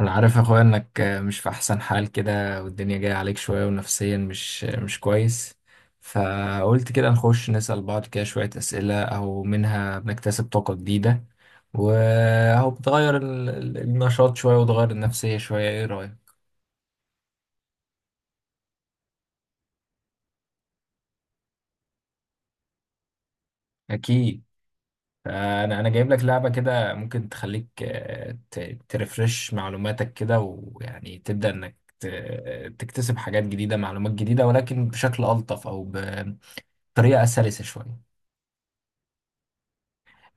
انا عارف يا اخويا انك مش في احسن حال كده، والدنيا جايه عليك شويه ونفسيا مش كويس. فقلت كده نخش نسأل بعض كده شويه اسئله او منها بنكتسب طاقه جديده، وهو بتغير النشاط شويه وتغير النفسيه شويه. ايه رايك؟ اكيد. انا جايب لك لعبه كده ممكن تخليك ترفرش معلوماتك كده ويعني تبدأ انك تكتسب حاجات جديده، معلومات جديده، ولكن بشكل الطف او بطريقه سلسه شويه.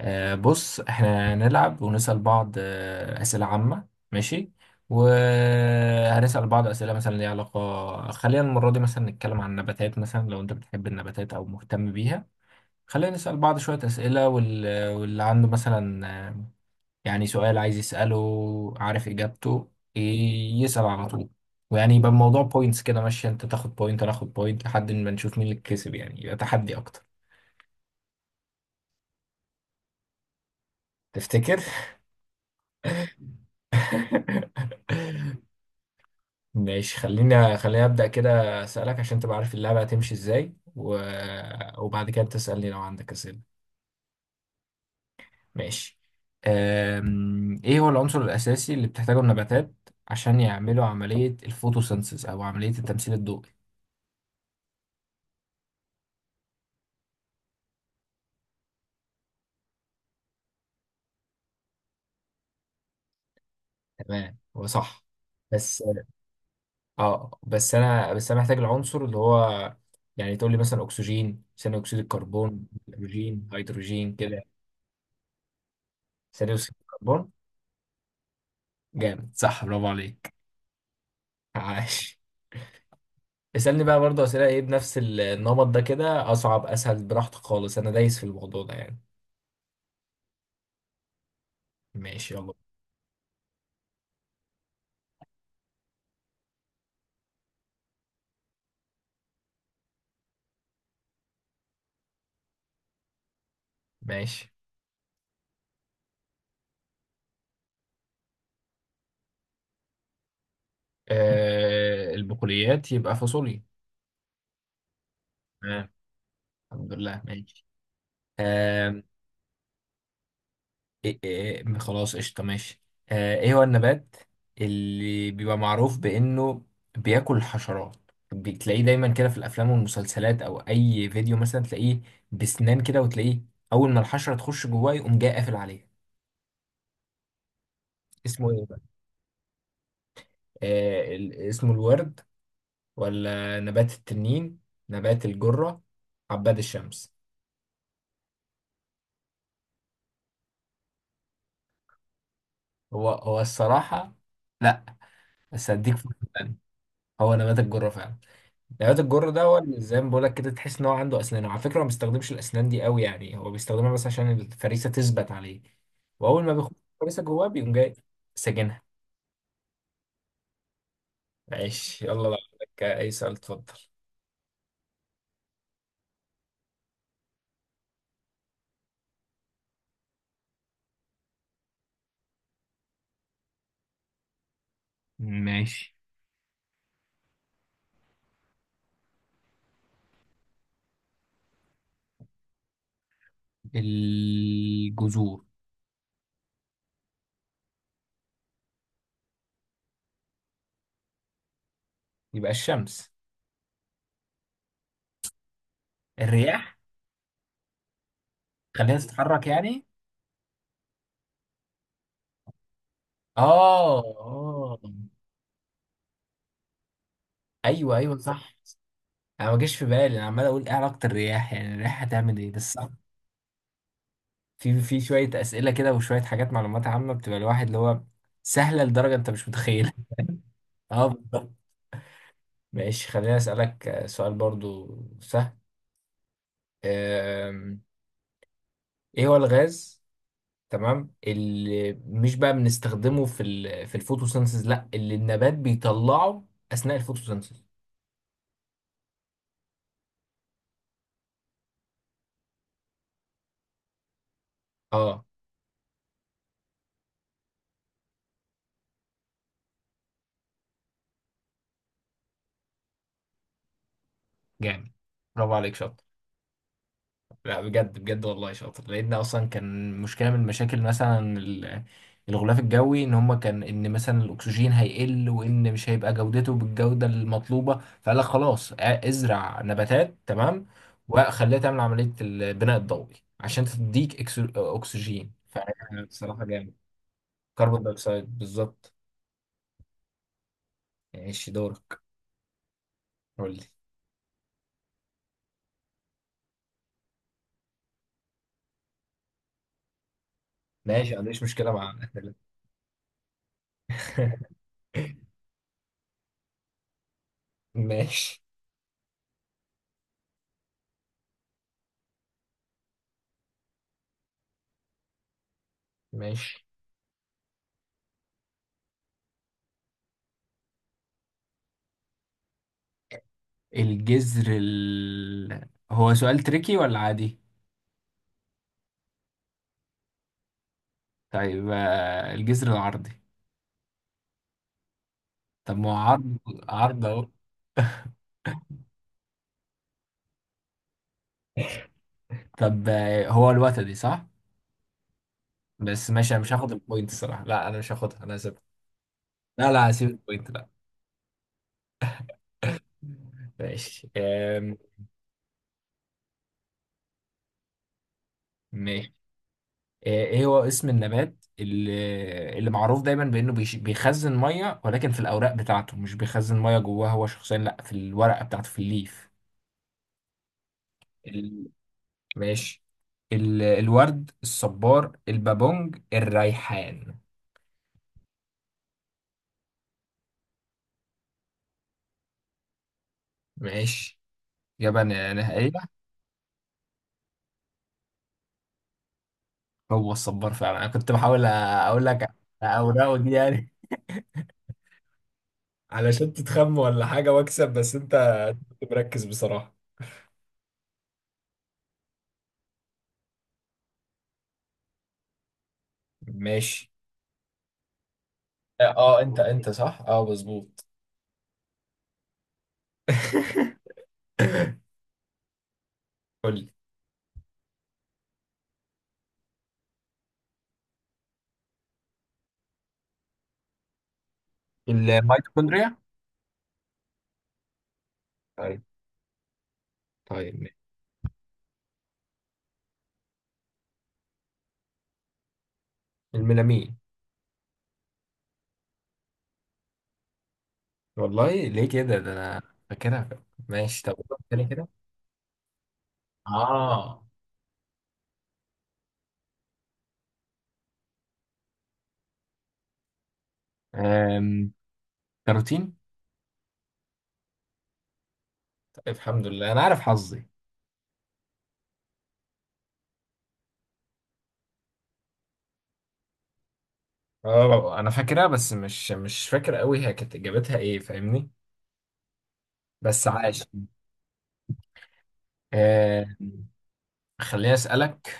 بص، احنا نلعب ونسأل بعض أسئلة عامة، ماشي؟ وهنسأل بعض أسئلة مثلا ليها علاقة. خلينا المرة دي مثلا نتكلم عن النباتات، مثلا لو أنت بتحب النباتات أو مهتم بيها. خلينا نسأل بعض شوية أسئلة واللي عنده مثلا يعني سؤال عايز يسأله، عارف إجابته، ي- يسأل على طول. ويعني يبقى الموضوع بوينتس كده، ماشي؟ أنت تاخد بوينت أنا آخد بوينت لحد ما نشوف مين اللي كسب، يعني يبقى تحدي أكتر. تفتكر؟ ماشي، خليني أبدأ كده، أسألك عشان تبقى عارف اللعبة هتمشي إزاي وبعد كده تسألني لو عندك أسئلة. ماشي. إيه هو العنصر الأساسي اللي بتحتاجه النباتات عشان يعملوا عملية الفوتوسينثيز أو عملية التمثيل الضوئي؟ تمام، هو صح بس. آه، بس أنا محتاج العنصر اللي هو، يعني تقول لي مثلا أكسجين، ثاني أكسيد الكربون، هيدروجين، كده. ثاني أكسيد الكربون. جامد، صح، برافو عليك. عاش. اسألني بقى برضه أسئلة إيه بنفس النمط ده، كده أصعب أسهل براحتك خالص، أنا دايس في الموضوع ده يعني. ماشي يلا. ماشي. آه، البقوليات يبقى فاصوليا. تمام، الحمد لله، ماشي. آه. إيه إيه، خلاص قشطة، ماشي. آه، إيه هو النبات اللي بيبقى معروف بإنه بياكل حشرات؟ بتلاقيه دايما كده في الأفلام والمسلسلات، أو أي فيديو مثلا تلاقيه بسنان كده، وتلاقيه أول ما الحشرة تخش جواه يقوم جاي قافل عليها. اسمه إيه بقى؟ اسمه الورد، ولا نبات التنين، نبات الجرة، عباد الشمس؟ هو هو الصراحة. لا، بس هديك فرصة تانية. هو نبات الجرة فعلا. نبات الجرة ده هو اللي زي ما بقولك كده، تحس ان هو عنده اسنان، وعلى فكرة هو ما بيستخدمش الاسنان دي قوي، يعني هو بيستخدمها بس عشان الفريسة تثبت عليه. واول ما بيخش الفريسة جواه بيقوم جاي ساجنها. ماشي، يلا، لو عندك اي سؤال اتفضل. ماشي. الجذور. يبقى الشمس. الرياح. خليها تتحرك يعني. اه اه. ايوه ايوه صح. انا ما جاش في بالي، انا عمال اقول ايه علاقه الرياح، يعني الرياح هتعمل ايه، بس صح. في شويه اسئله كده وشويه حاجات معلومات عامه بتبقى الواحد اللي هو سهله لدرجه انت مش متخيلها. اه بالظبط. ماشي، خليني اسالك سؤال برضو سهل. آم، ايه هو الغاز، تمام، اللي مش بقى بنستخدمه في ال الفوتوسينثيز، لا اللي النبات بيطلعه اثناء الفوتوسينثيز؟ اه. جامد، برافو عليك، شاطر. لا بجد، والله شاطر، لان اصلا كان مشكله من المشاكل مثلا الغلاف الجوي، ان هما كان ان مثلا الاكسجين هيقل، وان مش هيبقى جودته بالجوده المطلوبه، فقال لك خلاص، ازرع نباتات، تمام، وخليها تعمل عمليه البناء الضوئي عشان تديك اكسجين. فبصراحه جامد. كربون دايوكسيد بالظبط. ماشي، دورك. قول لي. ماشي، ما عنديش مشكله مع. ماشي. ماشي، الجذر هو سؤال تريكي ولا عادي؟ طيب، آه، الجذر العرضي. طب ما هو عرض. عرض اهو. طب، آه، هو الوتدي صح؟ بس ماشي، انا مش هاخد البوينت الصراحة، لا انا مش هاخدها، انا هسيبها. لا لا، هسيب البوينت، لا. ماشي. ماشي. ايه هو اسم النبات اللي معروف دايما بانه بيخزن ميه، ولكن في الاوراق بتاعته مش بيخزن ميه جواه هو شخصيا، لا في الورقة بتاعته في الليف؟ ماشي. الورد، الصبار، البابونج، الريحان؟ ماشي. إجابة نهائية؟ هو الصبار فعلا. أنا كنت بحاول أقول لك أوراق يعني، علشان تتخم ولا حاجة وأكسب، بس أنت كنت مركز بصراحة. ماشي. اه انت انت صح، اه مظبوط. قول لي. الميتوكوندريا. طيب. طيب ماشي. الميلامين. والله ليه كده؟ ده انا فاكرها. ماشي، طب قولها تاني كده. اه. كاروتين. طيب، الحمد لله انا عارف حظي. اه انا فاكرها، بس مش فاكر قوي هي كانت اجابتها ايه، فاهمني؟ بس عايش. آه، خليني اسالك،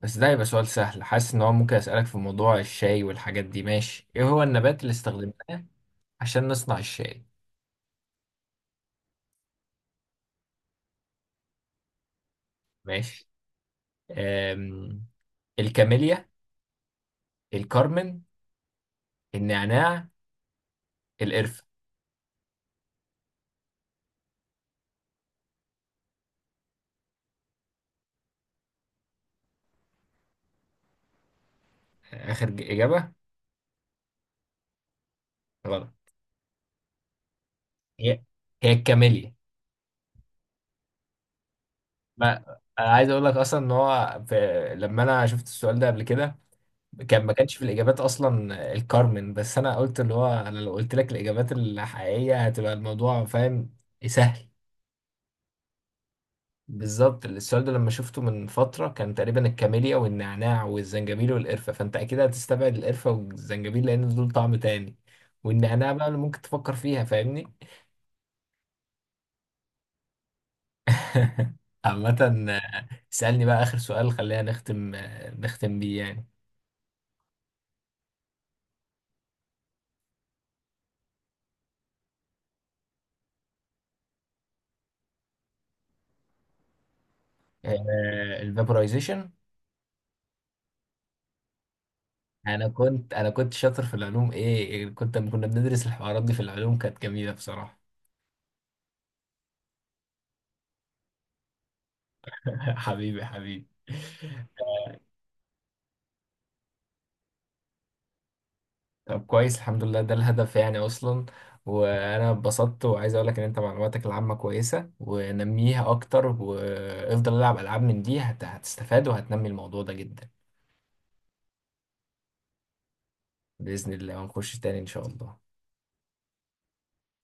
بس ده يبقى سؤال سهل، حاسس ان هو ممكن اسالك في موضوع الشاي والحاجات دي. ماشي، ايه هو النبات اللي استخدمناه عشان نصنع الشاي؟ ماشي. آم، الكاميليا، الكرمن، النعناع، القرفة؟ اخر اجابة. غلط. هي هي الكاميليا. ما انا عايز اقول لك اصلا ان هو لما انا شفت السؤال ده قبل كده، كان ما كانش في الاجابات اصلا الكارمن، بس انا قلت اللي هو انا لو قلت لك الاجابات الحقيقيه هتبقى الموضوع فاهم سهل. بالظبط، السؤال ده لما شفته من فتره كان تقريبا الكاميليا والنعناع والزنجبيل والقرفه، فانت اكيد هتستبعد القرفه والزنجبيل لان دول طعم تاني، والنعناع بقى اللي ممكن تفكر فيها، فاهمني؟ عامة، اسألني بقى آخر سؤال، خلينا نختم، نختم بيه يعني. الفابورايزيشن. انا كنت شاطر في العلوم، ايه، كنت لما كنا بندرس الحوارات دي في العلوم كانت جميله بصراحه. حبيبي، حبيبي. طب كويس، الحمد لله، ده الهدف يعني اصلا. وانا اتبسطت، وعايز اقول لك ان انت معلوماتك العامه كويسه ونميها اكتر، وافضل العب العاب من دي، هتستفاد وهتنمي الموضوع ده جدا. باذن الله، ونخش تاني ان شاء الله.